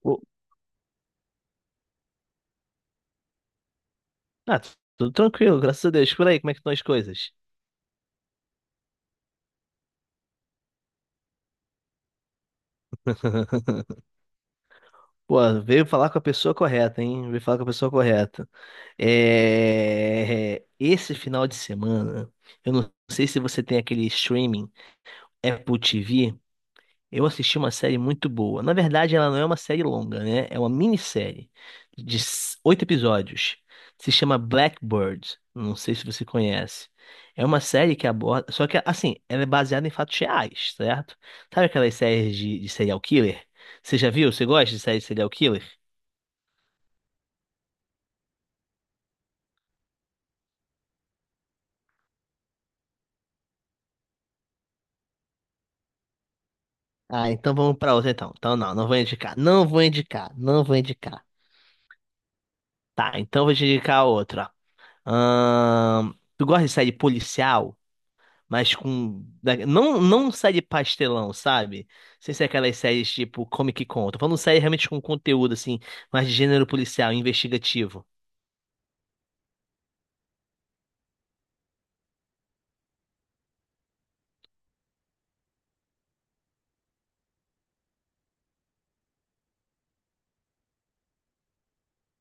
Pô, ah, tudo tranquilo, graças a Deus. Por aí, como é que estão as coisas? Pô, veio falar com a pessoa correta, hein? Veio falar com a pessoa correta. Esse final de semana, eu não sei se você tem aquele streaming Apple TV. Eu assisti uma série muito boa. Na verdade, ela não é uma série longa, né? É uma minissérie de oito episódios. Se chama Blackbird. Não sei se você conhece. É uma série que aborda. Só que, assim, ela é baseada em fatos reais, certo? Sabe aquelas séries de serial killer? Você já viu? Você gosta de série de serial killer? Ah, então vamos pra outra, então. Então, não, não vou indicar. Não vou indicar. Não vou indicar. Tá, então vou te indicar outra. Ahn, tu gosta de série policial? Não, não série pastelão, sabe? Sem ser aquelas séries tipo Comic Con. Tô falando série realmente com conteúdo, assim, mais de gênero policial, investigativo.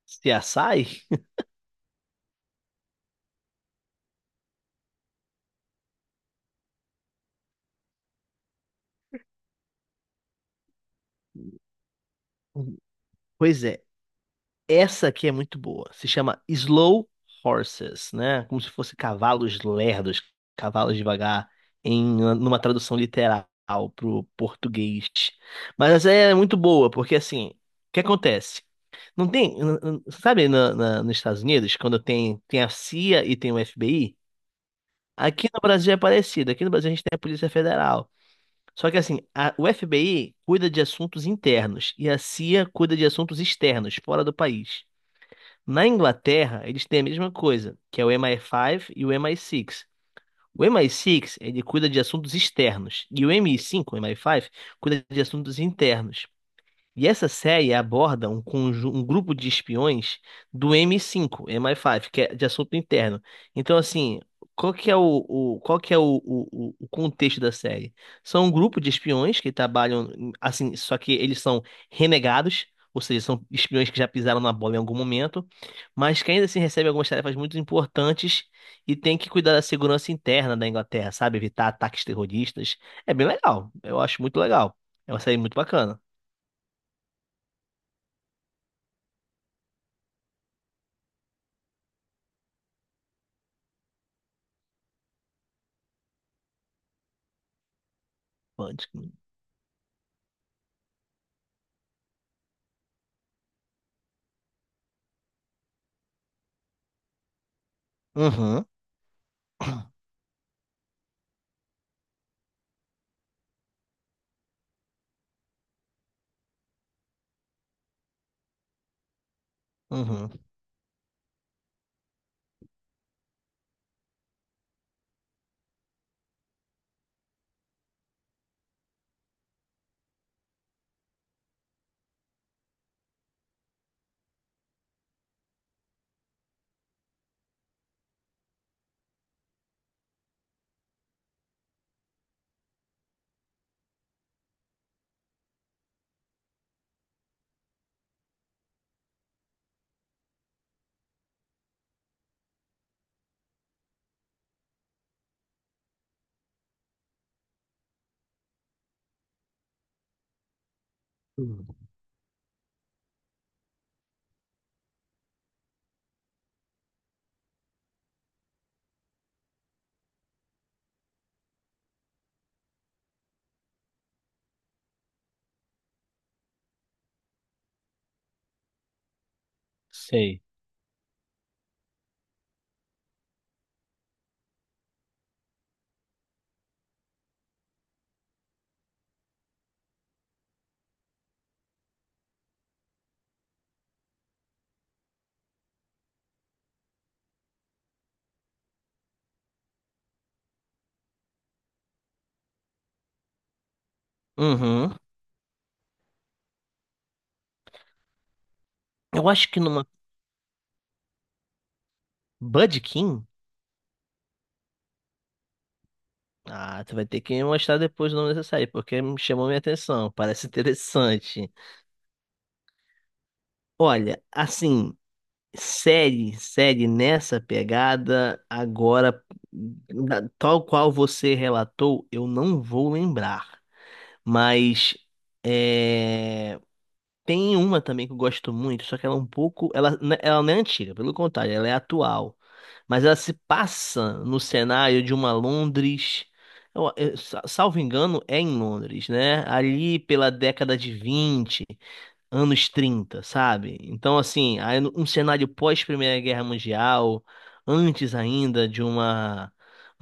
CSI? Pois é. Essa aqui é muito boa. Se chama Slow Horses, né? Como se fosse cavalos lerdos, cavalos devagar, numa tradução literal pro português. Mas essa é muito boa, porque assim, o que acontece? Não tem, sabe, nos Estados Unidos, quando tem a CIA e tem o FBI, aqui no Brasil é parecido. Aqui no Brasil a gente tem a Polícia Federal. Só que assim, o FBI cuida de assuntos internos e a CIA cuida de assuntos externos, fora do país. Na Inglaterra, eles têm a mesma coisa, que é o MI5 e o MI6. O MI6, ele cuida de assuntos externos, e o mi cinco o MI5 cuida de assuntos internos. E essa série aborda um grupo de espiões do M5, MI5, que é de assunto interno. Então, assim, qual que é o contexto da série? São um grupo de espiões que trabalham, assim, só que eles são renegados, ou seja, são espiões que já pisaram na bola em algum momento, mas que ainda assim recebem algumas tarefas muito importantes e tem que cuidar da segurança interna da Inglaterra, sabe? Evitar ataques terroristas. É bem legal, eu acho muito legal. É uma série muito bacana. Uhum, uhum. Hum. Sei. Uhum. Eu acho que numa Budkin. Ah, tu vai ter que me mostrar depois o nome dessa série, porque me chamou minha atenção. Parece interessante. Olha, assim, série, série nessa pegada, agora, tal qual você relatou, eu não vou lembrar. Mas é, tem uma também que eu gosto muito, só que ela é um pouco. Ela, né, ela não é antiga, pelo contrário, ela é atual. Mas ela se passa no cenário de uma Londres. Salvo engano, é em Londres, né? Ali pela década de 20, anos 30, sabe? Então, assim, aí um cenário pós-Primeira Guerra Mundial, antes ainda de uma.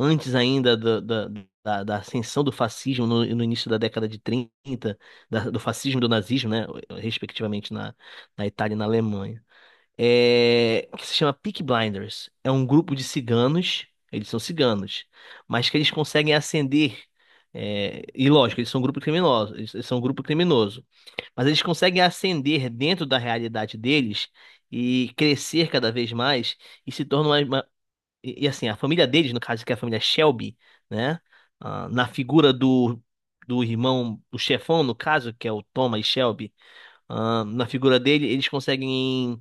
Antes ainda da ascensão do fascismo no início da década de 30, do fascismo e do nazismo, né? Respectivamente na Itália e na Alemanha, que se chama Peaky Blinders. É um grupo de ciganos, eles são ciganos, mas que eles conseguem ascender. E lógico, eles são um grupo criminoso, eles são um grupo criminoso, mas eles conseguem ascender dentro da realidade deles e crescer cada vez mais e se tornam e, assim, a família deles, no caso que é a família Shelby, né? Na figura do irmão, do chefão, no caso, que é o Thomas Shelby. Na figura dele, eles conseguem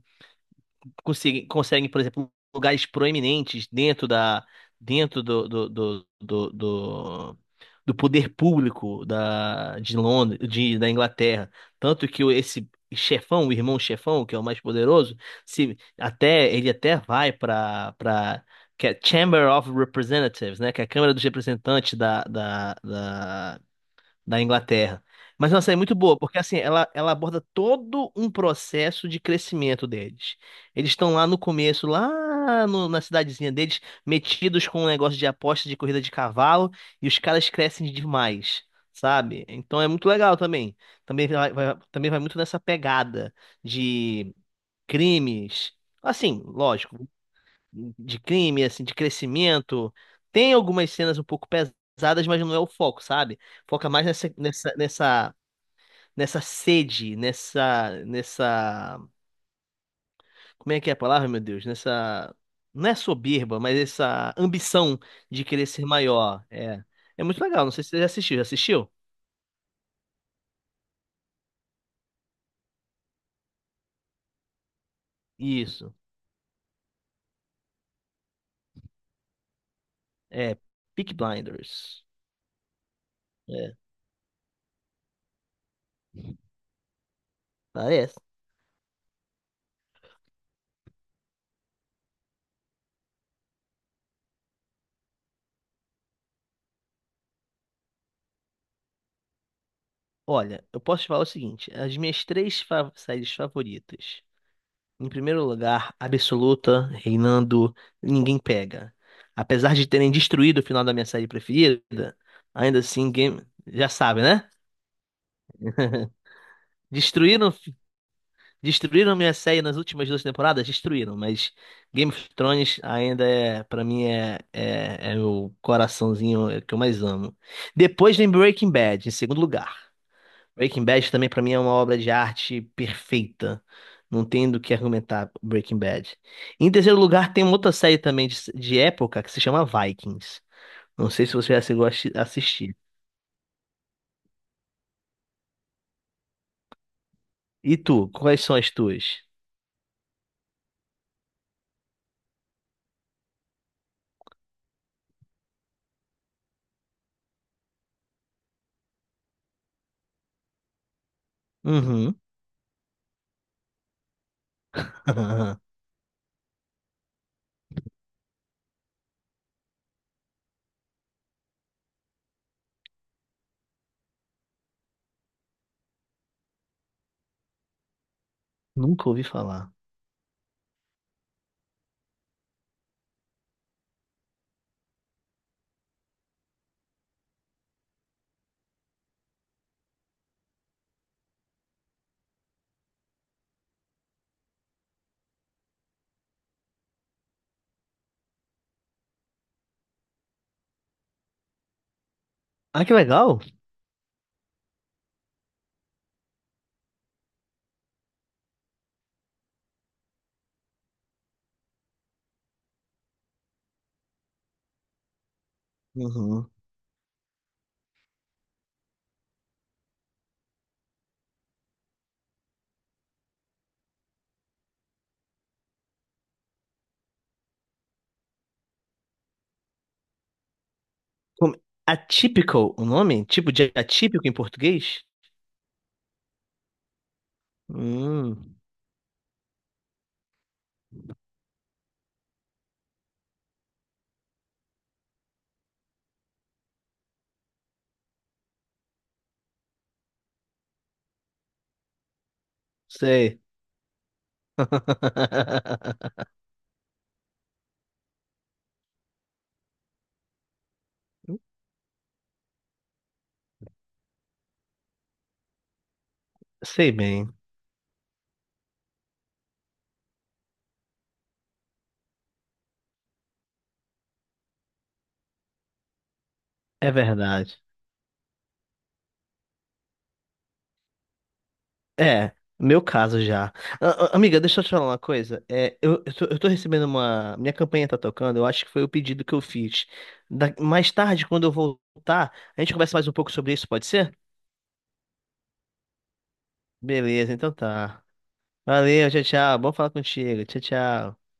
conseguem, conseguem, por exemplo, lugares proeminentes dentro do poder público de Londres, da Inglaterra. Tanto que esse chefão, o irmão chefão, que é o mais poderoso, se até ele até vai para que é Chamber of Representatives, né, que é a Câmara dos Representantes da Inglaterra. Mas é uma série muito boa, porque assim, ela aborda todo um processo de crescimento deles. Eles estão lá no começo, lá na cidadezinha deles, metidos com um negócio de aposta de corrida de cavalo, e os caras crescem demais, sabe? Então é muito legal também. Também vai muito nessa pegada de crimes. Assim, lógico de crime, assim, de crescimento. Tem algumas cenas um pouco pesadas, mas não é o foco, sabe? Foca mais nessa sede, como é que é a palavra, meu Deus? Não é soberba, mas essa ambição de querer ser maior. É muito legal. Não sei se você já assistiu. Já assistiu? Isso. É, Peaky Blinders. É, parece. Olha, eu posso te falar o seguinte: as minhas três séries favoritas. Em primeiro lugar, absoluta, reinando, ninguém pega. Apesar de terem destruído o final da minha série preferida, ainda assim, já sabe, né? Destruíram, destruíram minha série nas últimas duas temporadas? Destruíram, mas Game of Thrones ainda é, pra mim, é o coraçãozinho que eu mais amo. Depois vem Breaking Bad, em segundo lugar. Breaking Bad também pra mim é uma obra de arte perfeita. Não tem do que argumentar Breaking Bad. Em terceiro lugar, tem uma outra série também de época que se chama Vikings. Não sei se você já chegou a assistir. E tu, quais são as tuas? Uhum. Nunca ouvi falar. Ah, que legal. Uhum. Como- Atípico, o nome? Tipo de atípico em português? Hum, sei. Sei bem. É verdade. É, meu caso já. A- Amiga, deixa eu te falar uma coisa. É, eu tô recebendo uma. Minha campanha tá tocando, eu acho que foi o pedido que eu fiz. Mais tarde, quando eu voltar, a gente conversa mais um pouco sobre isso, pode ser? Beleza, então tá. Valeu, tchau, tchau. Bom falar contigo. Tchau, tchau.